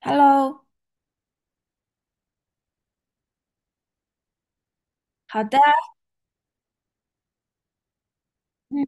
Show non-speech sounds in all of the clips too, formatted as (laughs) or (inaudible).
Hello，好的，嗯，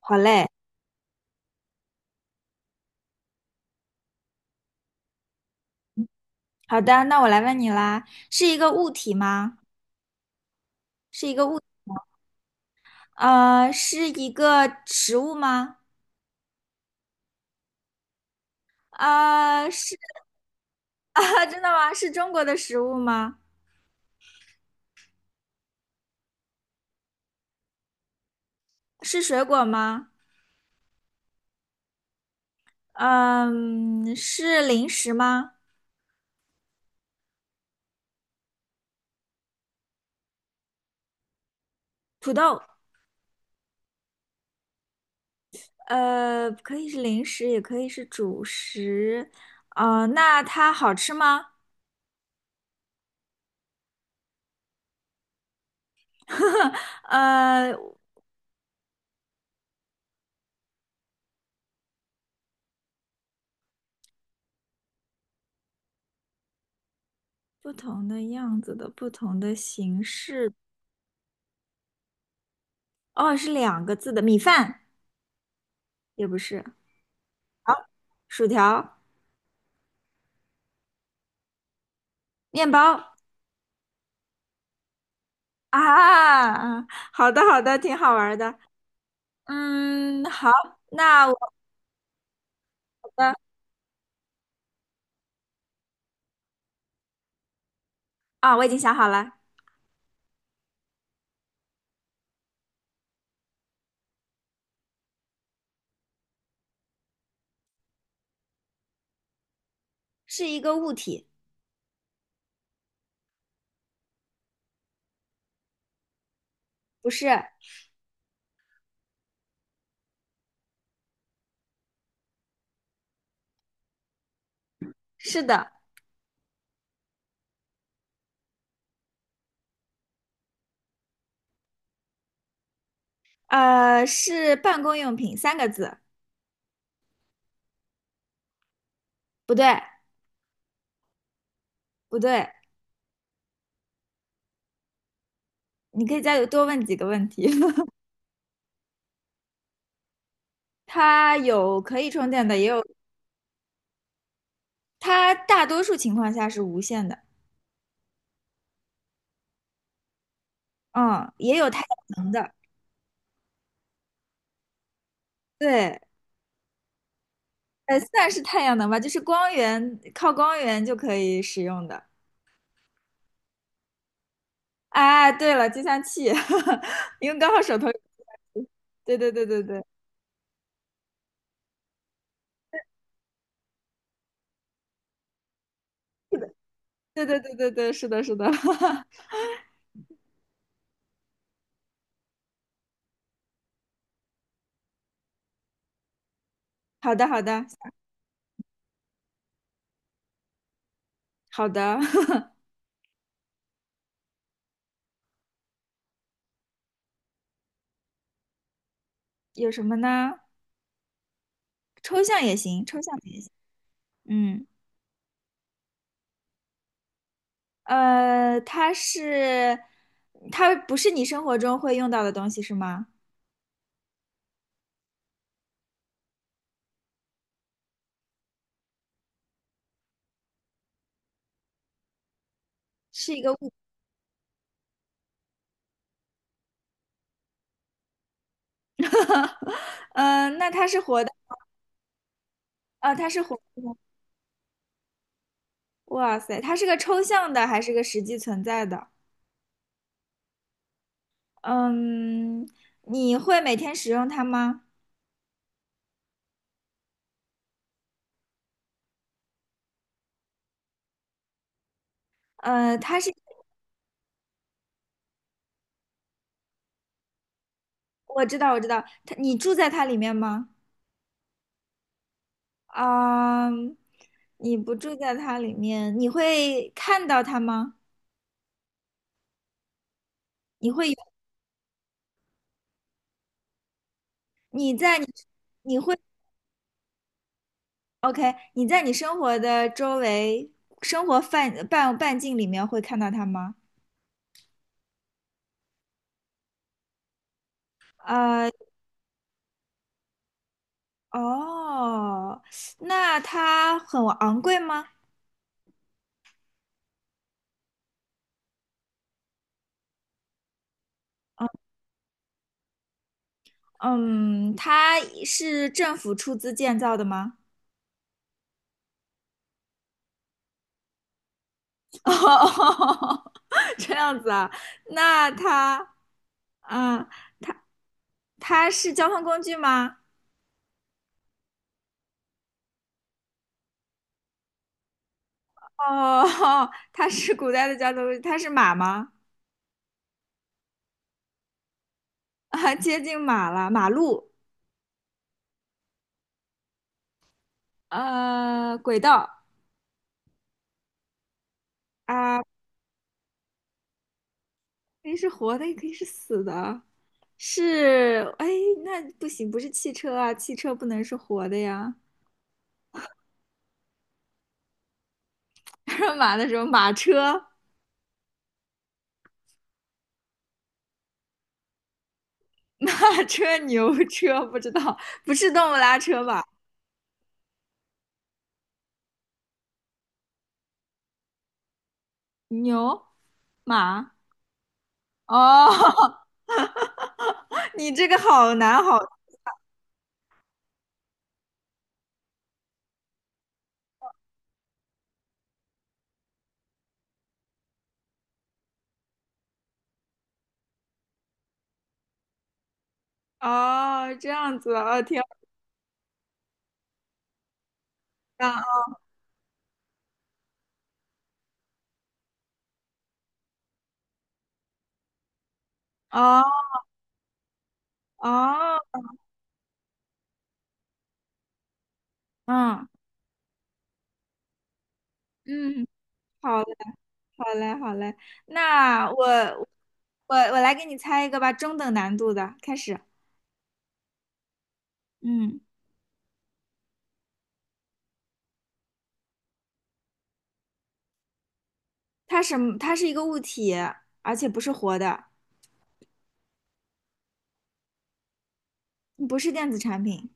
好嘞，好的，那我来问你啦，是一个物体吗？是一个食物吗？呃，是，(laughs) 真的吗？是中国的食物吗？是水果吗？嗯，是零食吗？土豆，可以是零食，也可以是主食。啊，那它好吃吗？(laughs) 呃，不同的样子的，不同的形式。哦，是两个字的米饭。也不是，好，薯条、面包啊，嗯好的好的，挺好玩儿的。嗯，好，那我的啊，我已经想好了，是一个物体，不是，是的，是办公用品，三个字，不对不对，你可以再多问几个问题。(laughs) 它有可以充电的，也有，它大多数情况下是无线的，嗯，也有太阳能的，对。算是太阳能吧，就是光源，靠光源就可以使用的。哎，对了，计算器，(laughs) 因为刚好手头有计算器，对对对对对对对对对对，是的，是的，(laughs) 好的好的好的，(laughs) 有什么呢？抽象也行，抽象的也行。嗯，呃，它是，它不是你生活中会用到的东西是吗？是一个物，(laughs) 嗯、呃那它是活的，它是活的。哇塞，它是个抽象的还是个实际存在的？嗯，你会每天使用它吗？呃，它是，我知道，我知道，它，你住在它里面吗？啊、你不住在它里面，你会看到它吗？你会有，你在你，你会，OK，你在你生活的周围，生活半径里面会看到它吗？呃，哦，那它很昂贵吗？嗯，它是政府出资建造的吗？(laughs) 哦这样子啊，那它，嗯，它是交通工具吗？哦，它是古代的交通工具，它是马吗？(laughs) 啊，接近马了，马路，呃，轨道啊，可以是活的，也可以是死的，是，哎，那不行，不是汽车啊，汽车不能是活的呀。(laughs) 马的时候，马车 (laughs) 马车、牛车不知道，不是动物拉车吧？牛、马，哦，(laughs) 你这个好难好，哦，这样子啊，哦，挺好的，哦哦，嗯嗯，好嘞，好嘞，好嘞，那我我来给你猜一个吧，中等难度的，开始，嗯，它什么？它是一个物体，而且不是活的，不是电子产品，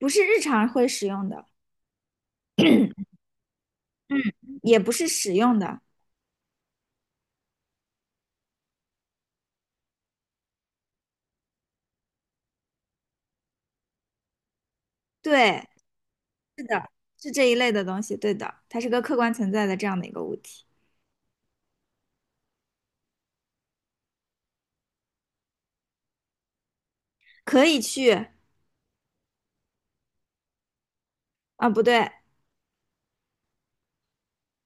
不是日常会使用的，(coughs) (clears throat) 嗯，也不是使用的。对，是这一类的东西，对的，它是个客观存在的这样的一个物体，可以去啊，不对，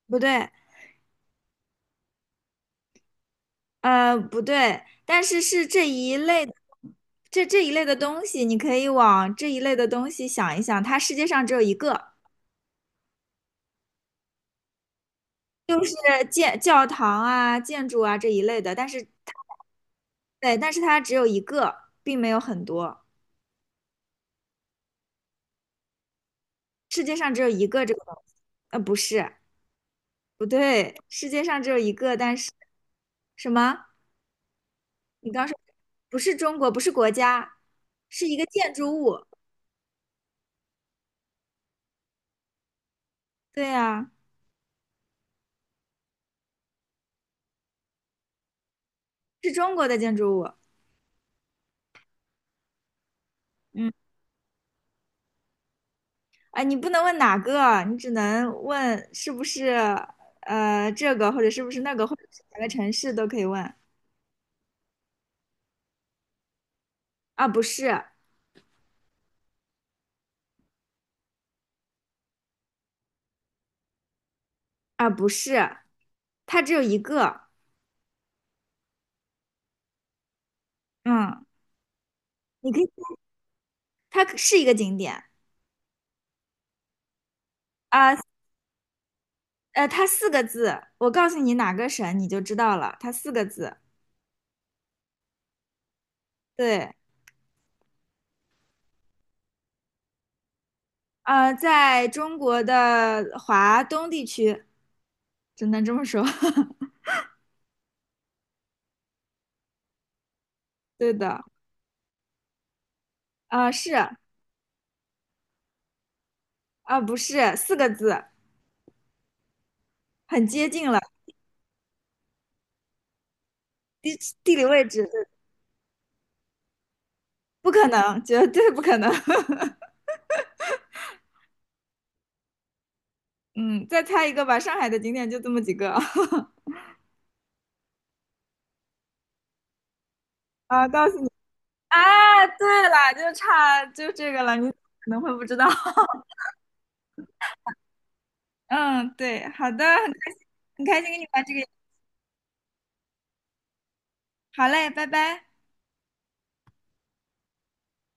不对，呃，不对，但是是这一类的，这一类的东西，你可以往这一类的东西想一想，它世界上只有一个，就是建教堂啊、建筑啊这一类的，但是它只有一个，并没有很多，世界上只有一个这个东西，呃，不是，不对，世界上只有一个，但是什么？你刚说不是中国，不是国家，是一个建筑物。对呀，是中国的建筑物。嗯，啊，你不能问哪个，你只能问是不是这个，或者是不是那个，或者是哪个城市都可以问。啊，不是，啊，不是，它只有一个。嗯，你可以，它是一个景点。啊，它四个字，我告诉你哪个省，你就知道了。它四个字。对，在中国的华东地区。只能这么说。(laughs) 对的，啊是啊不是四个字，很接近了。地地理位置，不可能，绝对不可能。(laughs) 嗯，再猜一个吧，上海的景点就这么几个。(laughs) 啊，告诉你，啊，对了，就差这个了，你可能会不知道。(laughs) 嗯，对，好的，很开心，很开心跟你玩这个好嘞，拜拜。